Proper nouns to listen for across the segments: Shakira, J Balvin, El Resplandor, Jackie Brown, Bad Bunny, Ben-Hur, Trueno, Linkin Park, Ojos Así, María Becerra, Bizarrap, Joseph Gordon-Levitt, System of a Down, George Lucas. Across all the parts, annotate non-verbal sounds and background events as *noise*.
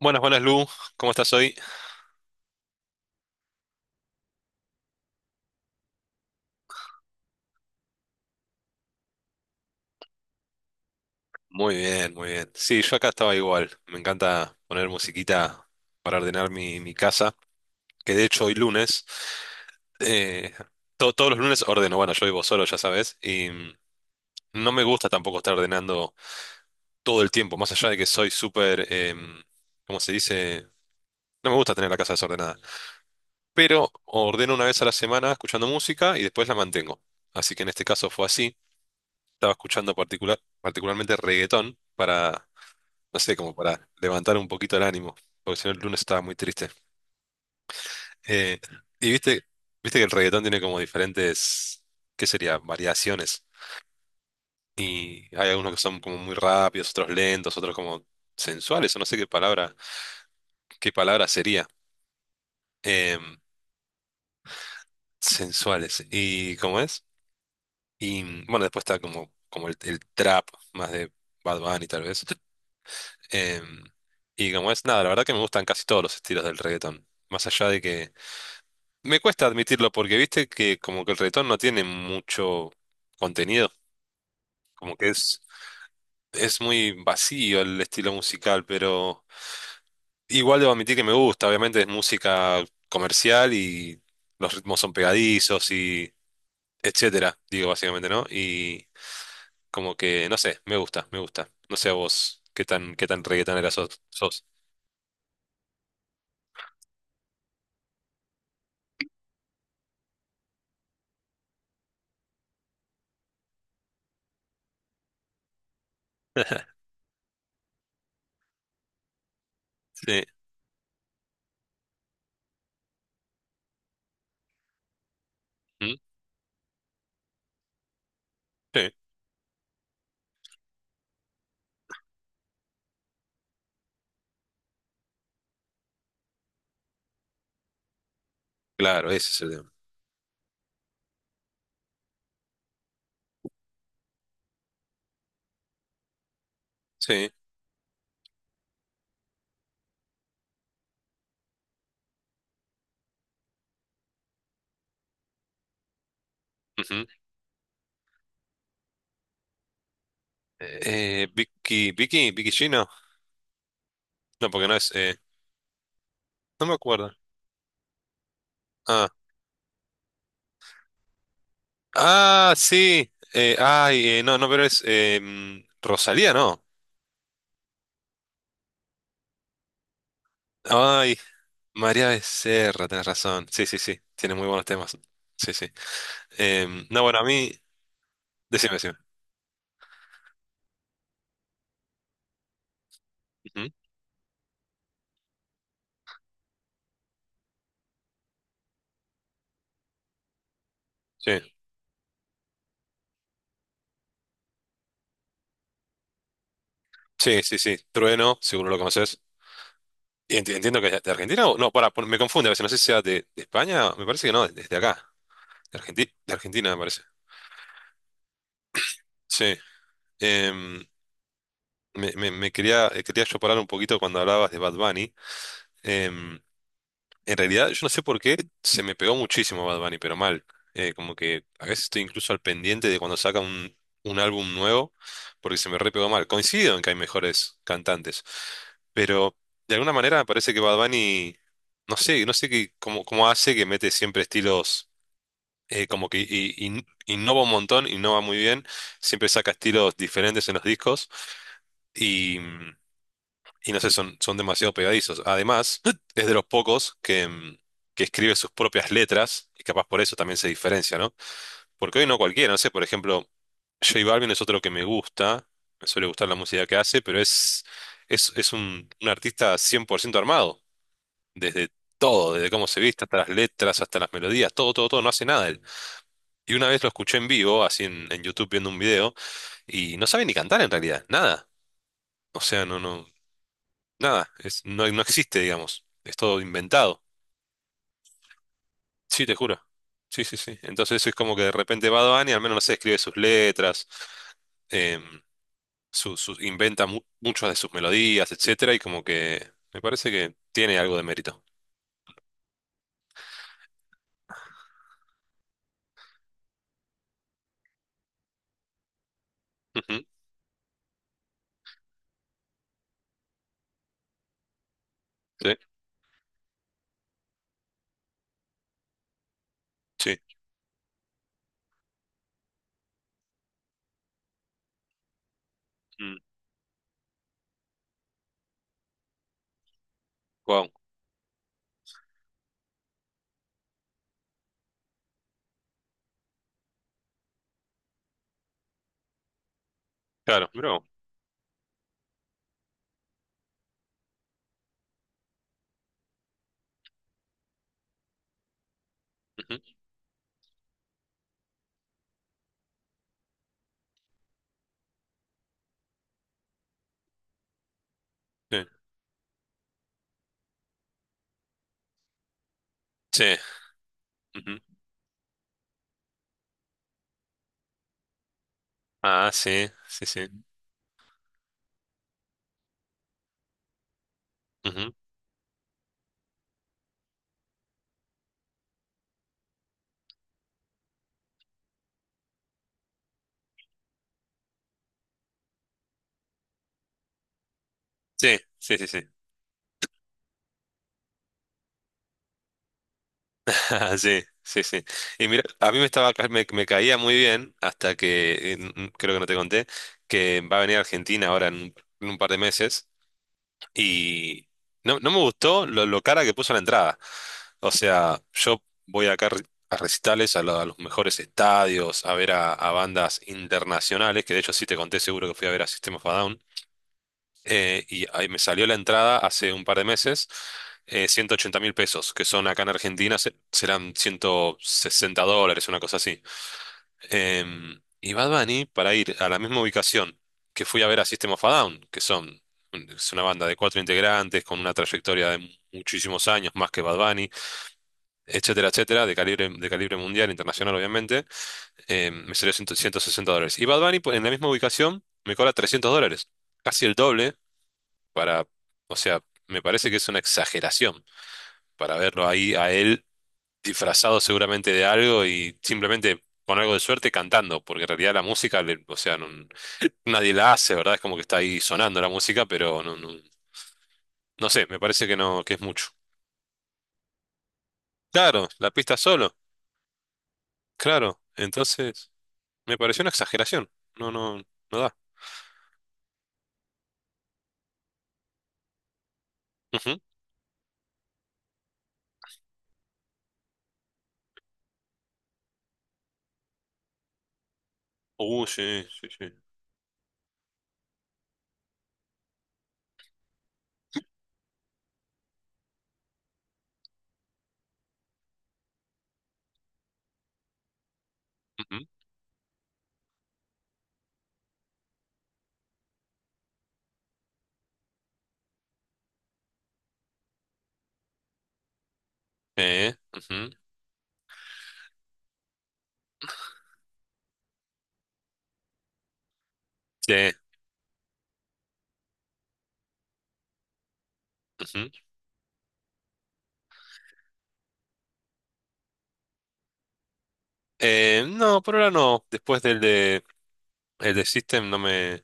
Buenas, buenas Lu, ¿cómo estás hoy? Muy bien, muy bien. Sí, yo acá estaba igual. Me encanta poner musiquita para ordenar mi casa, que de hecho hoy lunes, eh, todos los lunes ordeno. Bueno, yo vivo solo, ya sabes, y no me gusta tampoco estar ordenando todo el tiempo, más allá de que soy súper, ¿cómo se dice? No me gusta tener la casa desordenada, pero ordeno una vez a la semana escuchando música y después la mantengo. Así que en este caso fue así. Estaba escuchando particularmente reggaetón, para no sé, como para levantar un poquito el ánimo, porque si no el lunes estaba muy triste. Eh, y viste que el reggaetón tiene como diferentes, ¿qué sería? Variaciones. Y hay algunos que son como muy rápidos, otros lentos, otros como sensuales, o no sé qué palabra sería. Em, Sensuales. ¿Y cómo es? Y bueno, después está como el trap, más de Bad Bunny tal vez. Em, y como es, nada, la verdad que me gustan casi todos los estilos del reggaetón. Más allá de que me cuesta admitirlo, porque viste que como que el reggaetón no tiene mucho contenido, como que es muy vacío el estilo musical, pero igual debo admitir que me gusta. Obviamente es música comercial y los ritmos son pegadizos y etcétera, digo básicamente, ¿no? Y como que, no sé, me gusta, me gusta. No sé a vos qué tan, reggaetonera sos. *laughs* Sí, ¿Mm? Sí, claro, ese es el tema. Sí. Ujú. Vicky Gino, no, porque no es. No me acuerdo. Ah, ah, sí. Ay, no, no, pero es Rosalía, no. Ay, María Becerra, tenés razón. Sí, sí, sí. Tiene muy buenos temas. Sí, sí. No, bueno, a mí. Decime, decime. Ujú. Sí, sí, sí, sí. Trueno, seguro lo conoces. Y entiendo que es de Argentina o no, para, me confunde a veces. No sé si sea de, España, me parece que no, desde acá. De Argentina, me parece. Sí. Em, Quería yo parar un poquito cuando hablabas de Bad Bunny. Em, En realidad, yo no sé por qué se me pegó muchísimo Bad Bunny, pero mal. Como que a veces estoy incluso al pendiente de cuando saca un álbum nuevo, porque se me re pegó mal. Coincido en que hay mejores cantantes, pero de alguna manera me parece que Bad Bunny, no sé qué, cómo hace que mete siempre estilos, como que innova un montón, innova muy bien, siempre saca estilos diferentes en los discos y no sé, son demasiado pegadizos. Además, *clears throat* es de los pocos que escribe sus propias letras, y capaz por eso también se diferencia, ¿no? Porque hoy no cualquiera, no sé, por ejemplo, J Balvin es otro que me gusta, me suele gustar la música que hace, pero es un artista 100% armado, desde todo, desde cómo se viste, hasta las letras, hasta las melodías, todo, todo, todo, no hace nada él. Y una vez lo escuché en vivo, así en YouTube viendo un video, y no sabe ni cantar en realidad, nada. O sea, no, no, nada, es, no existe, digamos. Es todo inventado. Sí, te juro. Sí, sí, sí. Entonces eso es como que de repente va Bunny, al menos no sé, escribe sus letras, em, inventa muchas de sus melodías, etcétera, y como que me parece que tiene algo de mérito. Ujú, sí. Sí. Mm, wow. Claro, bro. Ujú, sí. Sí. Ujú. Ah, sí, sí, sí. Ujú, sí, sí, sí, sí. *laughs* Sí, sí, sí. Y mira, a mí me estaba, ca- me caía muy bien hasta que, creo que no te conté que va a venir a Argentina ahora en, un par de meses y no, no me gustó lo cara que puso la entrada. O sea, yo voy acá a recitales, a los mejores estadios, a ver a, bandas internacionales, que de hecho sí te conté seguro que fui a ver a System of a Down, y ahí me salió la entrada hace un par de meses, 180 mil pesos, que son acá en Argentina serán $160, una cosa así. Y Bad Bunny, para ir a la misma ubicación que fui a ver a System of a Down, es una banda de cuatro integrantes con una trayectoria de muchísimos años, más que Bad Bunny, etcétera, etcétera, de calibre, mundial, internacional, obviamente, me salió 100 160 dólares. Y Bad Bunny, pues, en la misma ubicación, me cobra $300, casi el doble. Para, o sea, me parece que es una exageración para verlo ahí a él disfrazado seguramente de algo y simplemente con algo de suerte cantando, porque en realidad la música, o sea, nadie la hace, ¿verdad? Es como que está ahí sonando la música, pero no sé, me parece que no, que es mucho. Claro, la pista solo, claro, entonces me pareció una exageración, no, no, no da. Ujú. Sí, sí, sí. Ujú. Ujú. Sí, ujú. No, por ahora no. Después del de System, no me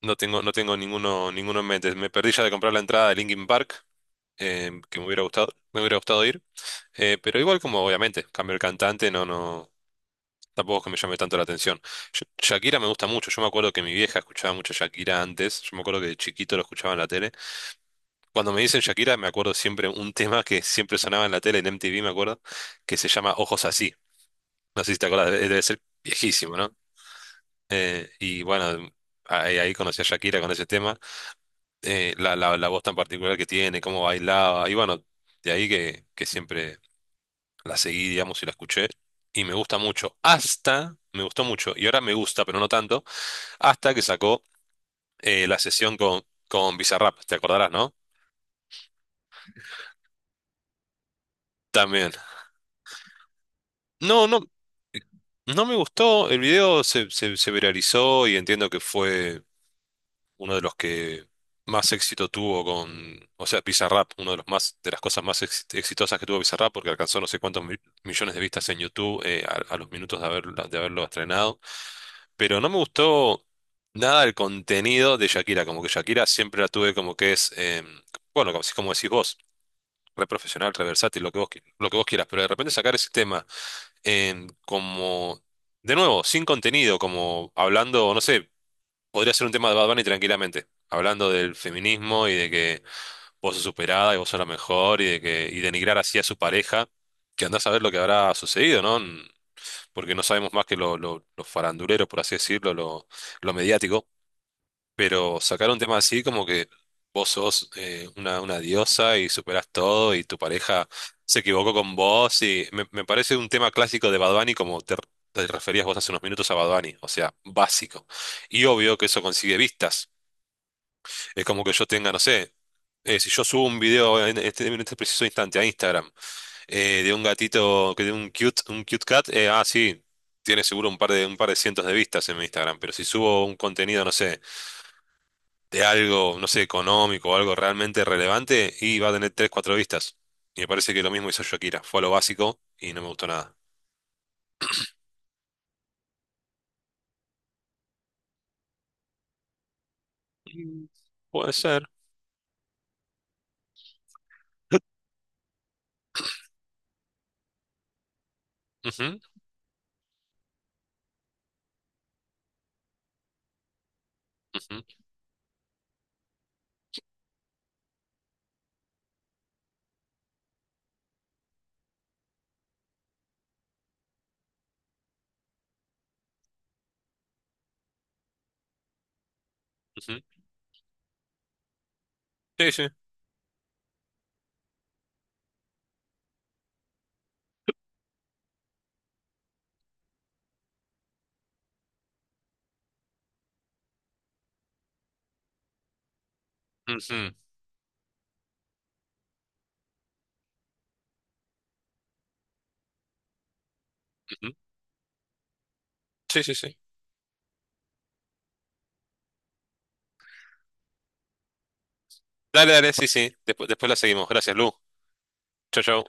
no tengo no tengo ninguno en mente. Me perdí ya de comprar la entrada de Linkin Park, que me hubiera gustado ir. Pero igual como obviamente cambio el cantante, no, no, tampoco es que me llame tanto la atención. Shakira me gusta mucho. Yo me acuerdo que mi vieja escuchaba mucho Shakira antes, yo me acuerdo que de chiquito lo escuchaba en la tele. Cuando me dicen Shakira me acuerdo siempre un tema que siempre sonaba en la tele, en MTV me acuerdo, que se llama Ojos Así. No sé si te acuerdas, debe ser viejísimo, ¿no? Y bueno, ahí conocí a Shakira con ese tema. La voz tan particular que tiene, cómo bailaba, y bueno, de ahí que siempre la seguí, digamos, y la escuché, y me gusta mucho, hasta, me gustó mucho, y ahora me gusta, pero no tanto, hasta que sacó la sesión con, Bizarrap, te acordarás, ¿no? También. No, no, no me gustó, el video se viralizó y entiendo que fue uno de los que más éxito tuvo con, o sea, Bizarrap, uno de los más, de las cosas más exitosas que tuvo Bizarrap, porque alcanzó no sé cuántos millones de vistas en YouTube, a los minutos de haberlo estrenado. Pero no me gustó nada el contenido de Shakira, como que Shakira siempre la tuve como que es, bueno, como, así como decís vos, re profesional, re versátil, lo que vos, lo que vos quieras, pero de repente sacar ese tema como, de nuevo, sin contenido, como hablando, no sé. Podría ser un tema de Bad Bunny tranquilamente, hablando del feminismo y de que vos sos superada y vos sos la mejor y de que y denigrar así a su pareja, que andás a ver lo que habrá sucedido, ¿no? Porque no sabemos más que lo farandulero, por así decirlo, lo mediático, pero sacar un tema así como que vos sos una diosa y superás todo y tu pareja se equivocó con vos, y me parece un tema clásico de Bad Bunny como te referías vos hace unos minutos a Bad Bunny, o sea, básico. Y obvio que eso consigue vistas. Es como que yo tenga, no sé, si yo subo un video en este, preciso instante a Instagram, de un gatito, que de un cute cat, sí, tiene seguro un par de cientos de vistas en mi Instagram, pero si subo un contenido, no sé, de algo, no sé, económico o algo realmente relevante, y va a tener tres, cuatro vistas. Y me parece que lo mismo hizo Shakira, fue a lo básico y no me gustó nada. Mm. Puede ser. Ujú, ujú, ujú. Sí, sí. Ujú, ujú. Sí, sí, sí. Dale, dale, sí, sí. Después, después la seguimos. Gracias, Lu. Chau, chau.